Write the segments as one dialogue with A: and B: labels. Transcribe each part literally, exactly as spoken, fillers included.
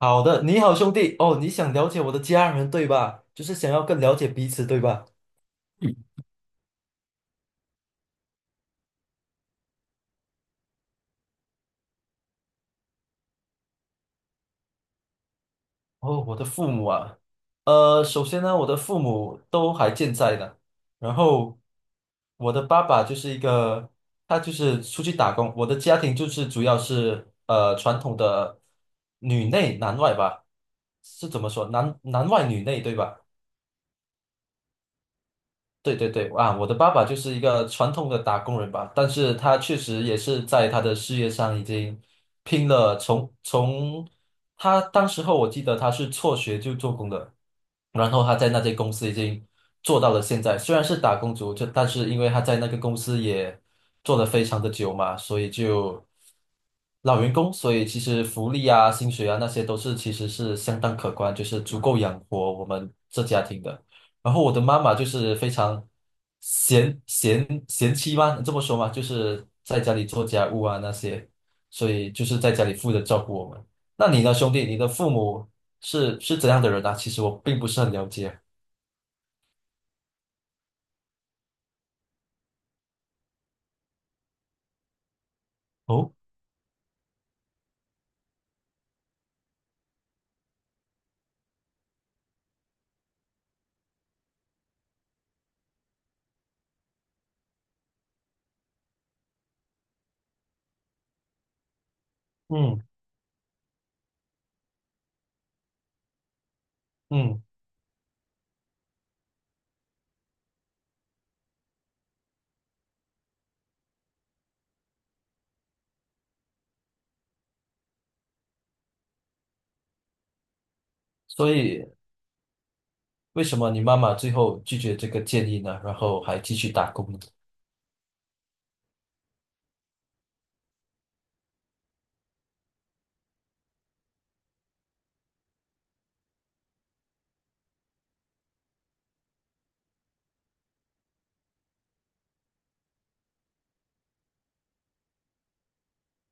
A: 好的，你好兄弟哦，你想了解我的家人对吧？就是想要更了解彼此对吧？哦，我的父母啊，呃，首先呢，我的父母都还健在的，然后我的爸爸就是一个，他就是出去打工，我的家庭就是主要是呃传统的女内男外吧，是怎么说？男男外女内对吧？对对对，啊，我的爸爸就是一个传统的打工人吧，但是他确实也是在他的事业上已经拼了从，从他当时候我记得他是辍学就做工的，然后他在那间公司已经做到了现在，虽然是打工族，就但是因为他在那个公司也做得非常的久嘛，所以就老员工，所以其实福利啊、薪水啊那些都是其实是相当可观，就是足够养活我们这家庭的。然后我的妈妈就是非常贤贤贤妻吗？这么说吗？就是在家里做家务啊那些，所以就是在家里负责照顾我们。那你呢，兄弟？你的父母是是怎样的人啊？其实我并不是很了解。哦，嗯嗯，所以为什么你妈妈最后拒绝这个建议呢？然后还继续打工呢？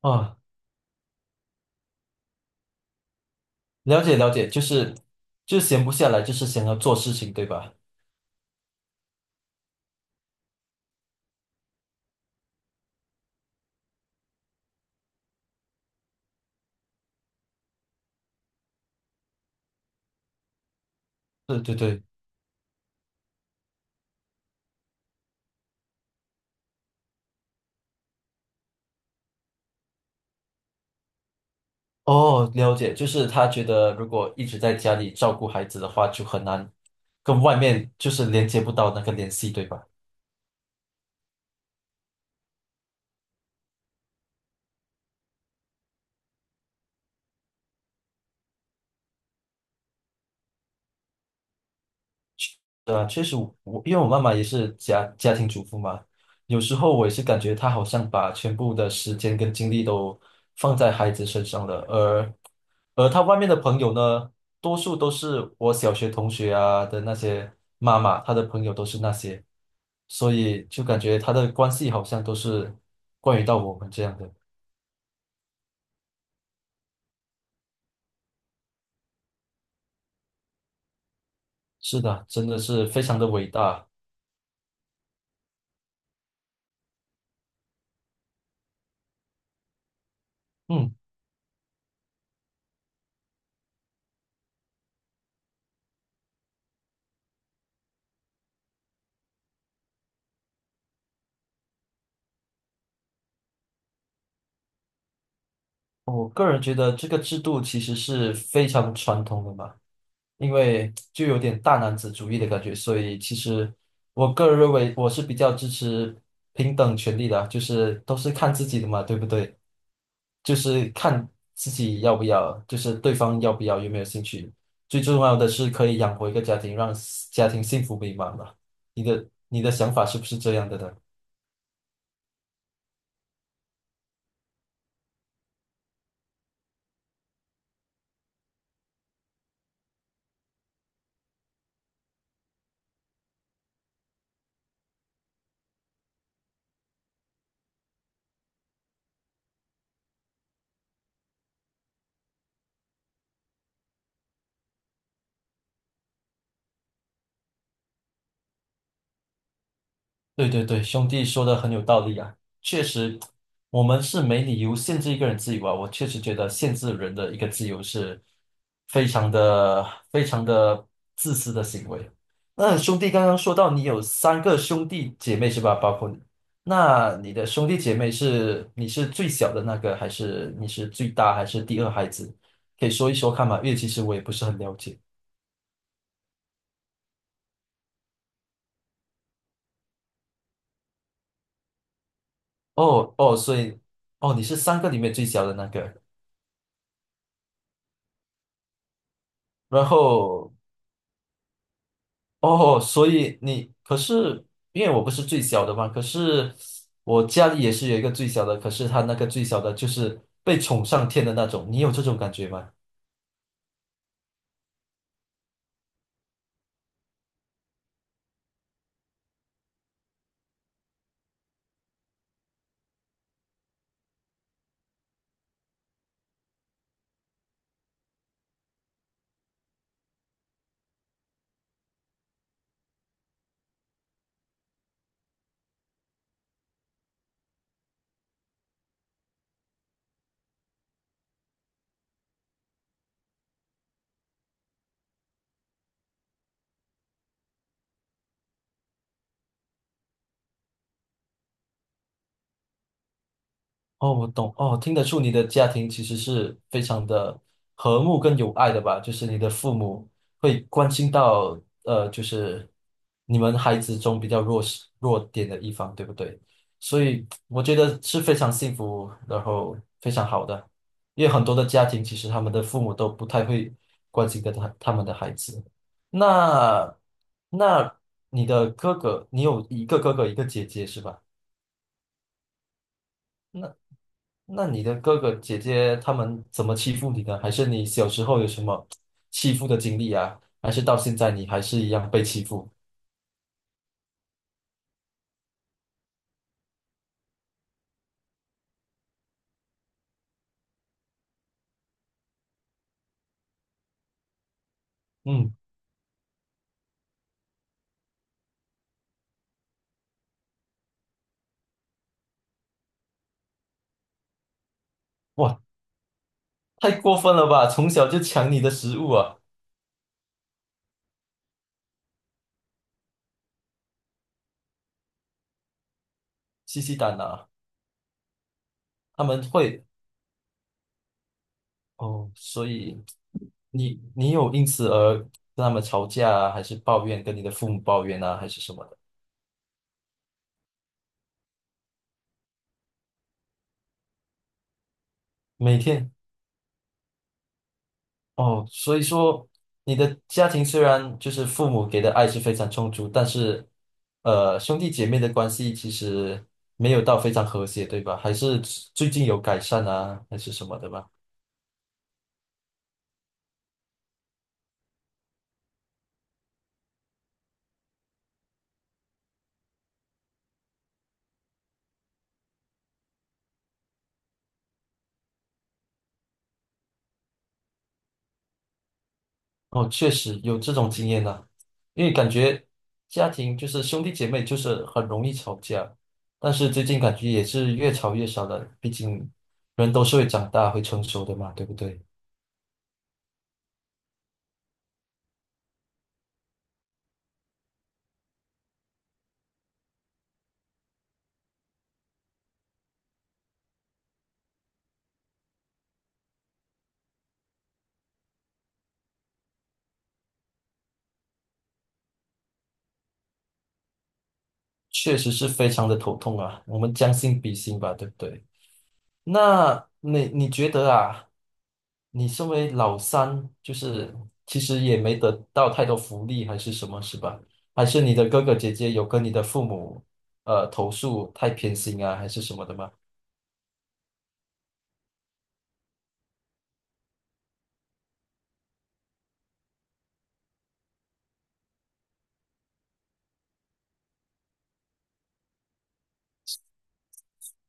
A: 啊，了解了解，就是就闲不下来，就是想要做事情，对吧？对对对。哦，了解，就是他觉得如果一直在家里照顾孩子的话，就很难跟外面就是连接不到那个联系，对吧？对啊，确实我，我因为我妈妈也是家家庭主妇嘛，有时候我也是感觉她好像把全部的时间跟精力都放在孩子身上了，而而她外面的朋友呢，多数都是我小学同学啊的那些妈妈，她的朋友都是那些，所以就感觉她的关系好像都是关于到我们这样的。是的，真的是非常的伟大。嗯，我个人觉得这个制度其实是非常传统的嘛，因为就有点大男子主义的感觉，所以其实我个人认为我是比较支持平等权利的啊，就是都是看自己的嘛，对不对？就是看自己要不要，就是对方要不要，有没有兴趣。最重要的是可以养活一个家庭，让家庭幸福美满嘛。你的你的想法是不是这样的呢？对对对，兄弟说的很有道理啊，确实，我们是没理由限制一个人自由啊。我确实觉得限制人的一个自由是非常的、非常的自私的行为。那兄弟刚刚说到你有三个兄弟姐妹是吧？包括你，那你的兄弟姐妹是你是最小的那个，还是你是最大，还是第二孩子？可以说一说看嘛，因为其实我也不是很了解。哦哦，所以哦，你是三个里面最小的那个。然后哦，所以你可是因为我不是最小的嘛，可是我家里也是有一个最小的，可是他那个最小的就是被宠上天的那种，你有这种感觉吗？哦，我懂哦，听得出你的家庭其实是非常的和睦跟友爱的吧？就是你的父母会关心到呃，就是你们孩子中比较弱势弱点的一方，对不对？所以我觉得是非常幸福，然后非常好的，因为很多的家庭其实他们的父母都不太会关心跟他他们的孩子。那那你的哥哥，你有一个哥哥一个姐姐是吧？那你的哥哥姐姐他们怎么欺负你的？还是你小时候有什么欺负的经历啊？还是到现在你还是一样被欺负？嗯，哇，太过分了吧！从小就抢你的食物啊，吸吸胆啊！他们会哦，所以你你有因此而跟他们吵架啊，还是抱怨跟你的父母抱怨啊，还是什么的？每天哦，所以说你的家庭虽然就是父母给的爱是非常充足，但是呃兄弟姐妹的关系其实没有到非常和谐，对吧？还是最近有改善啊，还是什么的吧？哦，确实有这种经验呢，因为感觉家庭就是兄弟姐妹就是很容易吵架，但是最近感觉也是越吵越少了，毕竟人都是会长大会成熟的嘛，对不对？确实是非常的头痛啊，我们将心比心吧，对不对？那你你觉得啊，你身为老三，就是其实也没得到太多福利，还是什么，是吧？还是你的哥哥姐姐有跟你的父母呃投诉太偏心啊，还是什么的吗？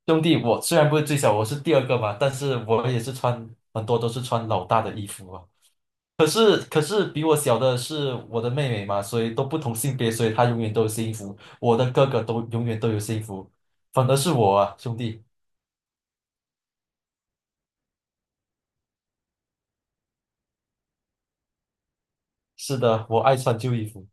A: 兄弟，我虽然不是最小，我是第二个嘛，但是我也是穿很多都是穿老大的衣服啊。可是可是比我小的是我的妹妹嘛，所以都不同性别，所以她永远都有新衣服，我的哥哥都永远都有新衣服，反而是我啊，兄弟。是的，我爱穿旧衣服。